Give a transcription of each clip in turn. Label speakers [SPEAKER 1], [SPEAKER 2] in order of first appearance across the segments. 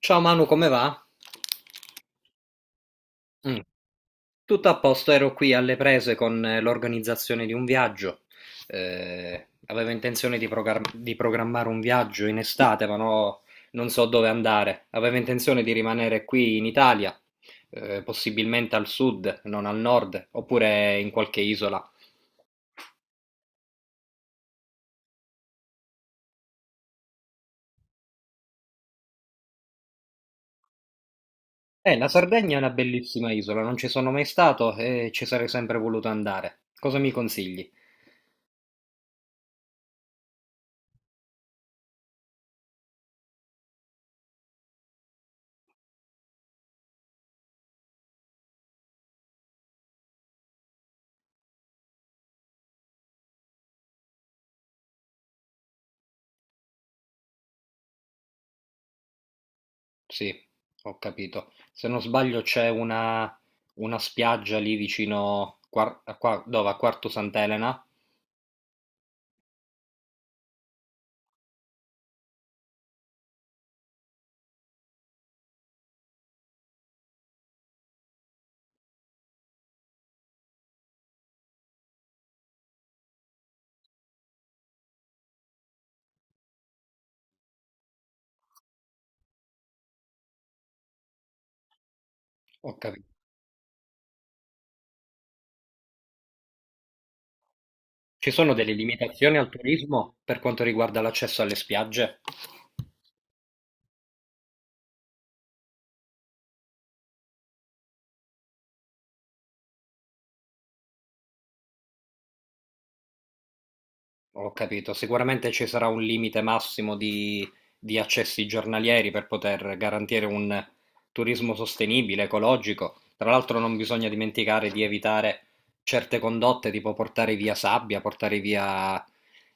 [SPEAKER 1] Ciao Manu, come va? Mm. Tutto a posto, ero qui alle prese con l'organizzazione di un viaggio. Avevo intenzione di programmare un viaggio in estate, ma no, non so dove andare. Avevo intenzione di rimanere qui in Italia, possibilmente al sud, non al nord, oppure in qualche isola. La Sardegna è una bellissima isola, non ci sono mai stato e ci sarei sempre voluto andare. Cosa mi consigli? Sì, ho capito. Se non sbaglio c'è una spiaggia lì vicino a Quarto Sant'Elena. Ho capito. Ci sono delle limitazioni al turismo per quanto riguarda l'accesso alle spiagge? Ho capito, sicuramente ci sarà un limite massimo di accessi giornalieri per poter garantire un turismo sostenibile, ecologico. Tra l'altro non bisogna dimenticare di evitare certe condotte, tipo portare via sabbia, portare via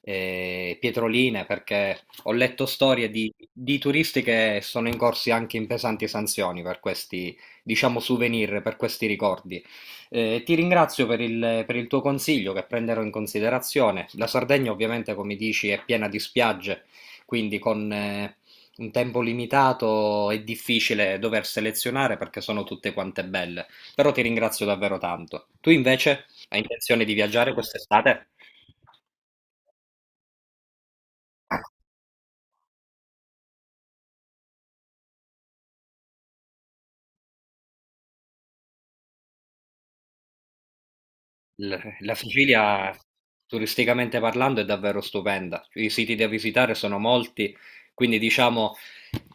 [SPEAKER 1] pietroline, perché ho letto storie di turisti che sono incorsi anche in pesanti sanzioni per questi, diciamo, souvenir, per questi ricordi. Ti ringrazio per per il tuo consiglio che prenderò in considerazione. La Sardegna, ovviamente, come dici, è piena di spiagge, quindi con un tempo limitato è difficile dover selezionare perché sono tutte quante belle. Però ti ringrazio davvero tanto. Tu invece hai intenzione di viaggiare quest'estate? L- La Sicilia, turisticamente parlando, è davvero stupenda. I siti da visitare sono molti, quindi diciamo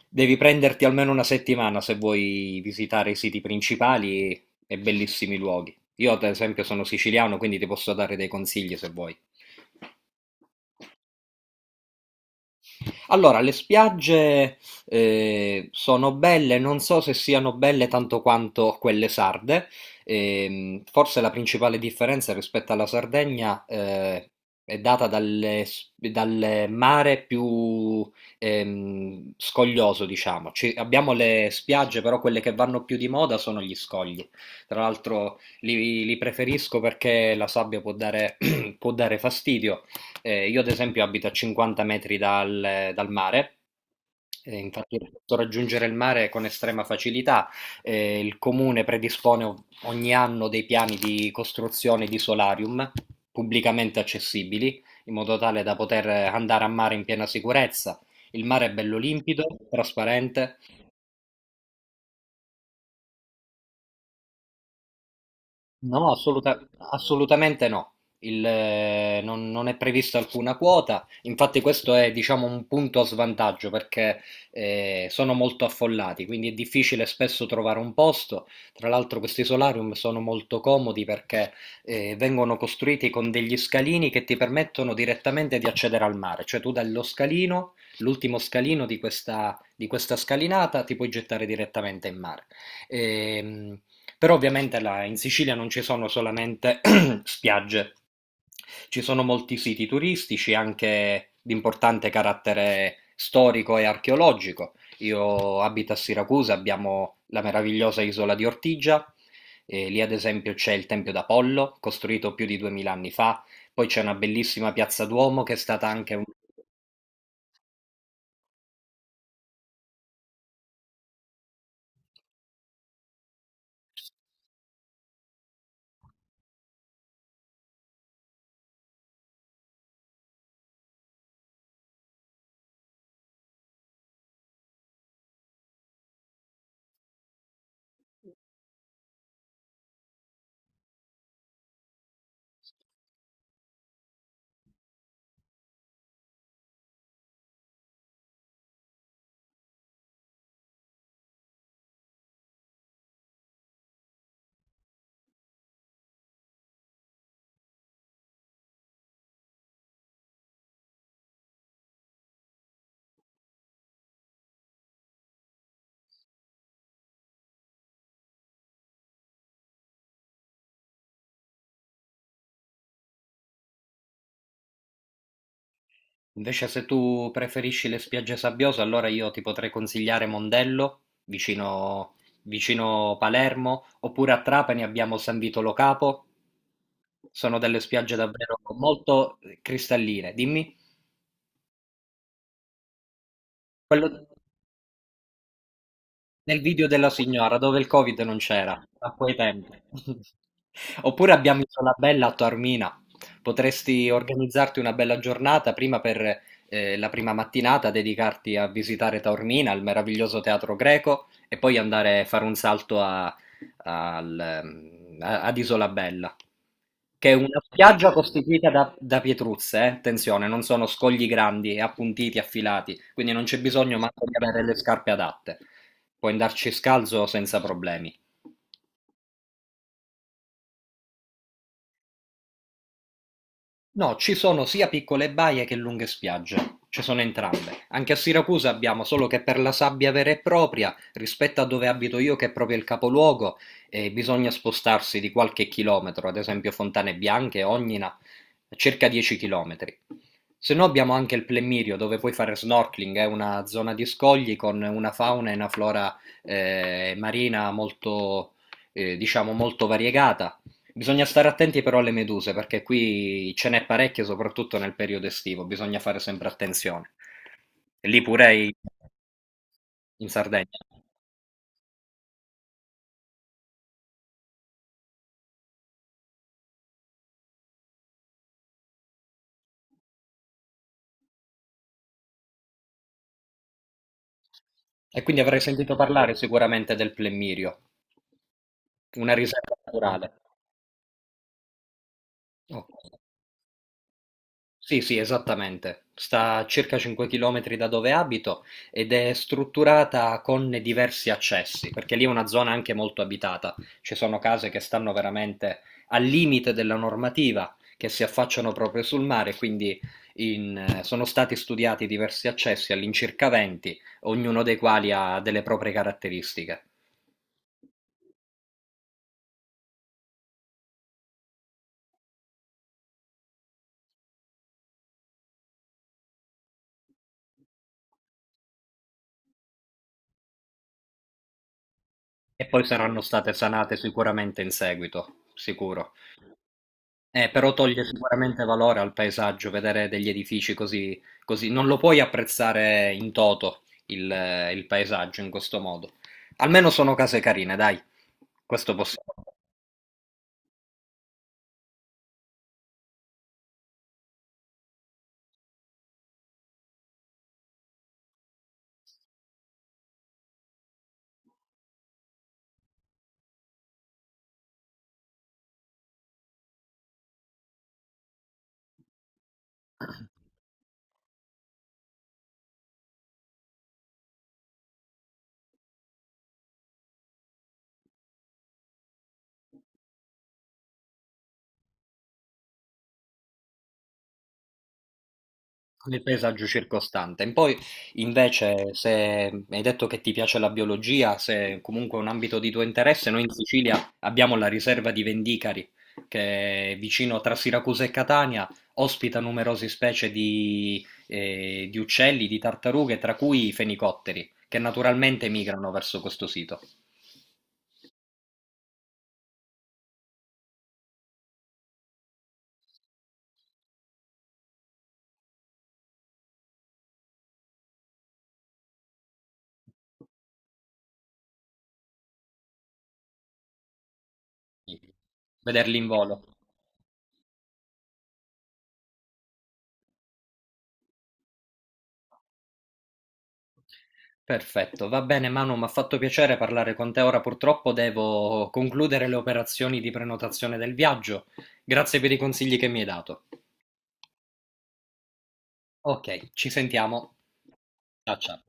[SPEAKER 1] devi prenderti almeno una settimana se vuoi visitare i siti principali e bellissimi luoghi. Io, ad esempio, sono siciliano, quindi ti posso dare dei consigli se vuoi. Allora, le spiagge sono belle, non so se siano belle tanto quanto quelle sarde. Forse la principale differenza rispetto alla Sardegna è data dal mare più scoglioso, diciamo. Abbiamo le spiagge, però quelle che vanno più di moda sono gli scogli. Tra l'altro li preferisco perché la sabbia può dare, può dare fastidio. Io ad esempio abito a 50 metri dal mare, e infatti posso raggiungere il mare con estrema facilità. Il comune predispone ogni anno dei piani di costruzione di solarium pubblicamente accessibili, in modo tale da poter andare a mare in piena sicurezza. Il mare è bello limpido, trasparente. No, assoluta- Assolutamente no. Il, non, Non è prevista alcuna quota, infatti questo è, diciamo, un punto a svantaggio perché sono molto affollati, quindi è difficile spesso trovare un posto. Tra l'altro questi solarium sono molto comodi perché vengono costruiti con degli scalini che ti permettono direttamente di accedere al mare, cioè tu dallo scalino, l'ultimo scalino di di questa scalinata, ti puoi gettare direttamente in mare. Ehm, Però ovviamente là in Sicilia non ci sono solamente spiagge, ci sono molti siti turistici anche di importante carattere storico e archeologico. Io abito a Siracusa, abbiamo la meravigliosa isola di Ortigia, e lì ad esempio c'è il Tempio d'Apollo, costruito più di 2000 anni fa, poi c'è una bellissima piazza Duomo che è stata anche un... Invece se tu preferisci le spiagge sabbiose, allora io ti potrei consigliare Mondello, vicino Palermo, oppure a Trapani abbiamo San Vitolo Capo, sono delle spiagge davvero molto cristalline. Dimmi, quello, nel video della signora, dove il Covid non c'era, a quei tempi. Oppure abbiamo Isolabella a Taormina. Potresti organizzarti una bella giornata prima per la prima mattinata, dedicarti a visitare Taormina, il meraviglioso teatro greco, e poi andare a fare un salto ad Isolabella, che è una spiaggia costituita da pietruzze. Attenzione, non sono scogli grandi, appuntiti, affilati, quindi non c'è bisogno manco di avere le scarpe adatte. Puoi andarci scalzo senza problemi. No, ci sono sia piccole baie che lunghe spiagge. Ci sono entrambe. Anche a Siracusa abbiamo, solo che per la sabbia vera e propria, rispetto a dove abito io che è proprio il capoluogo, bisogna spostarsi di qualche chilometro, ad esempio Fontane Bianche, Ognina, circa 10 chilometri. Se no abbiamo anche il Plemirio dove puoi fare snorkeling, è una zona di scogli con una fauna e una flora marina diciamo, molto variegata. Bisogna stare attenti però alle meduse, perché qui ce n'è parecchie, soprattutto nel periodo estivo, bisogna fare sempre attenzione. E lì in Sardegna. E quindi avrei sentito parlare sicuramente del plemmirio, una riserva naturale. Ok. Sì, sì, esattamente. Sta a circa 5 km da dove abito ed è strutturata con diversi accessi, perché lì è una zona anche molto abitata. Ci sono case che stanno veramente al limite della normativa, che si affacciano proprio sul mare, quindi sono stati studiati diversi accessi, all'incirca 20, ognuno dei quali ha delle proprie caratteristiche. E poi saranno state sanate sicuramente in seguito, sicuro. Però toglie sicuramente valore al paesaggio vedere degli edifici così, così. Non lo puoi apprezzare in toto il paesaggio in questo modo. Almeno sono case carine, dai. Questo possiamo. Nel paesaggio circostante. Poi, invece, se mi hai detto che ti piace la biologia, se comunque è un ambito di tuo interesse, noi in Sicilia abbiamo la riserva di Vendicari, che è vicino tra Siracusa e Catania, ospita numerose specie di uccelli, di tartarughe, tra cui i fenicotteri, che naturalmente migrano verso questo sito. Vederli in volo. Perfetto, va bene Manu, m'ha fatto piacere parlare con te. Ora purtroppo devo concludere le operazioni di prenotazione del viaggio. Grazie per i consigli che mi hai dato. Ok, ci sentiamo. Ciao ciao.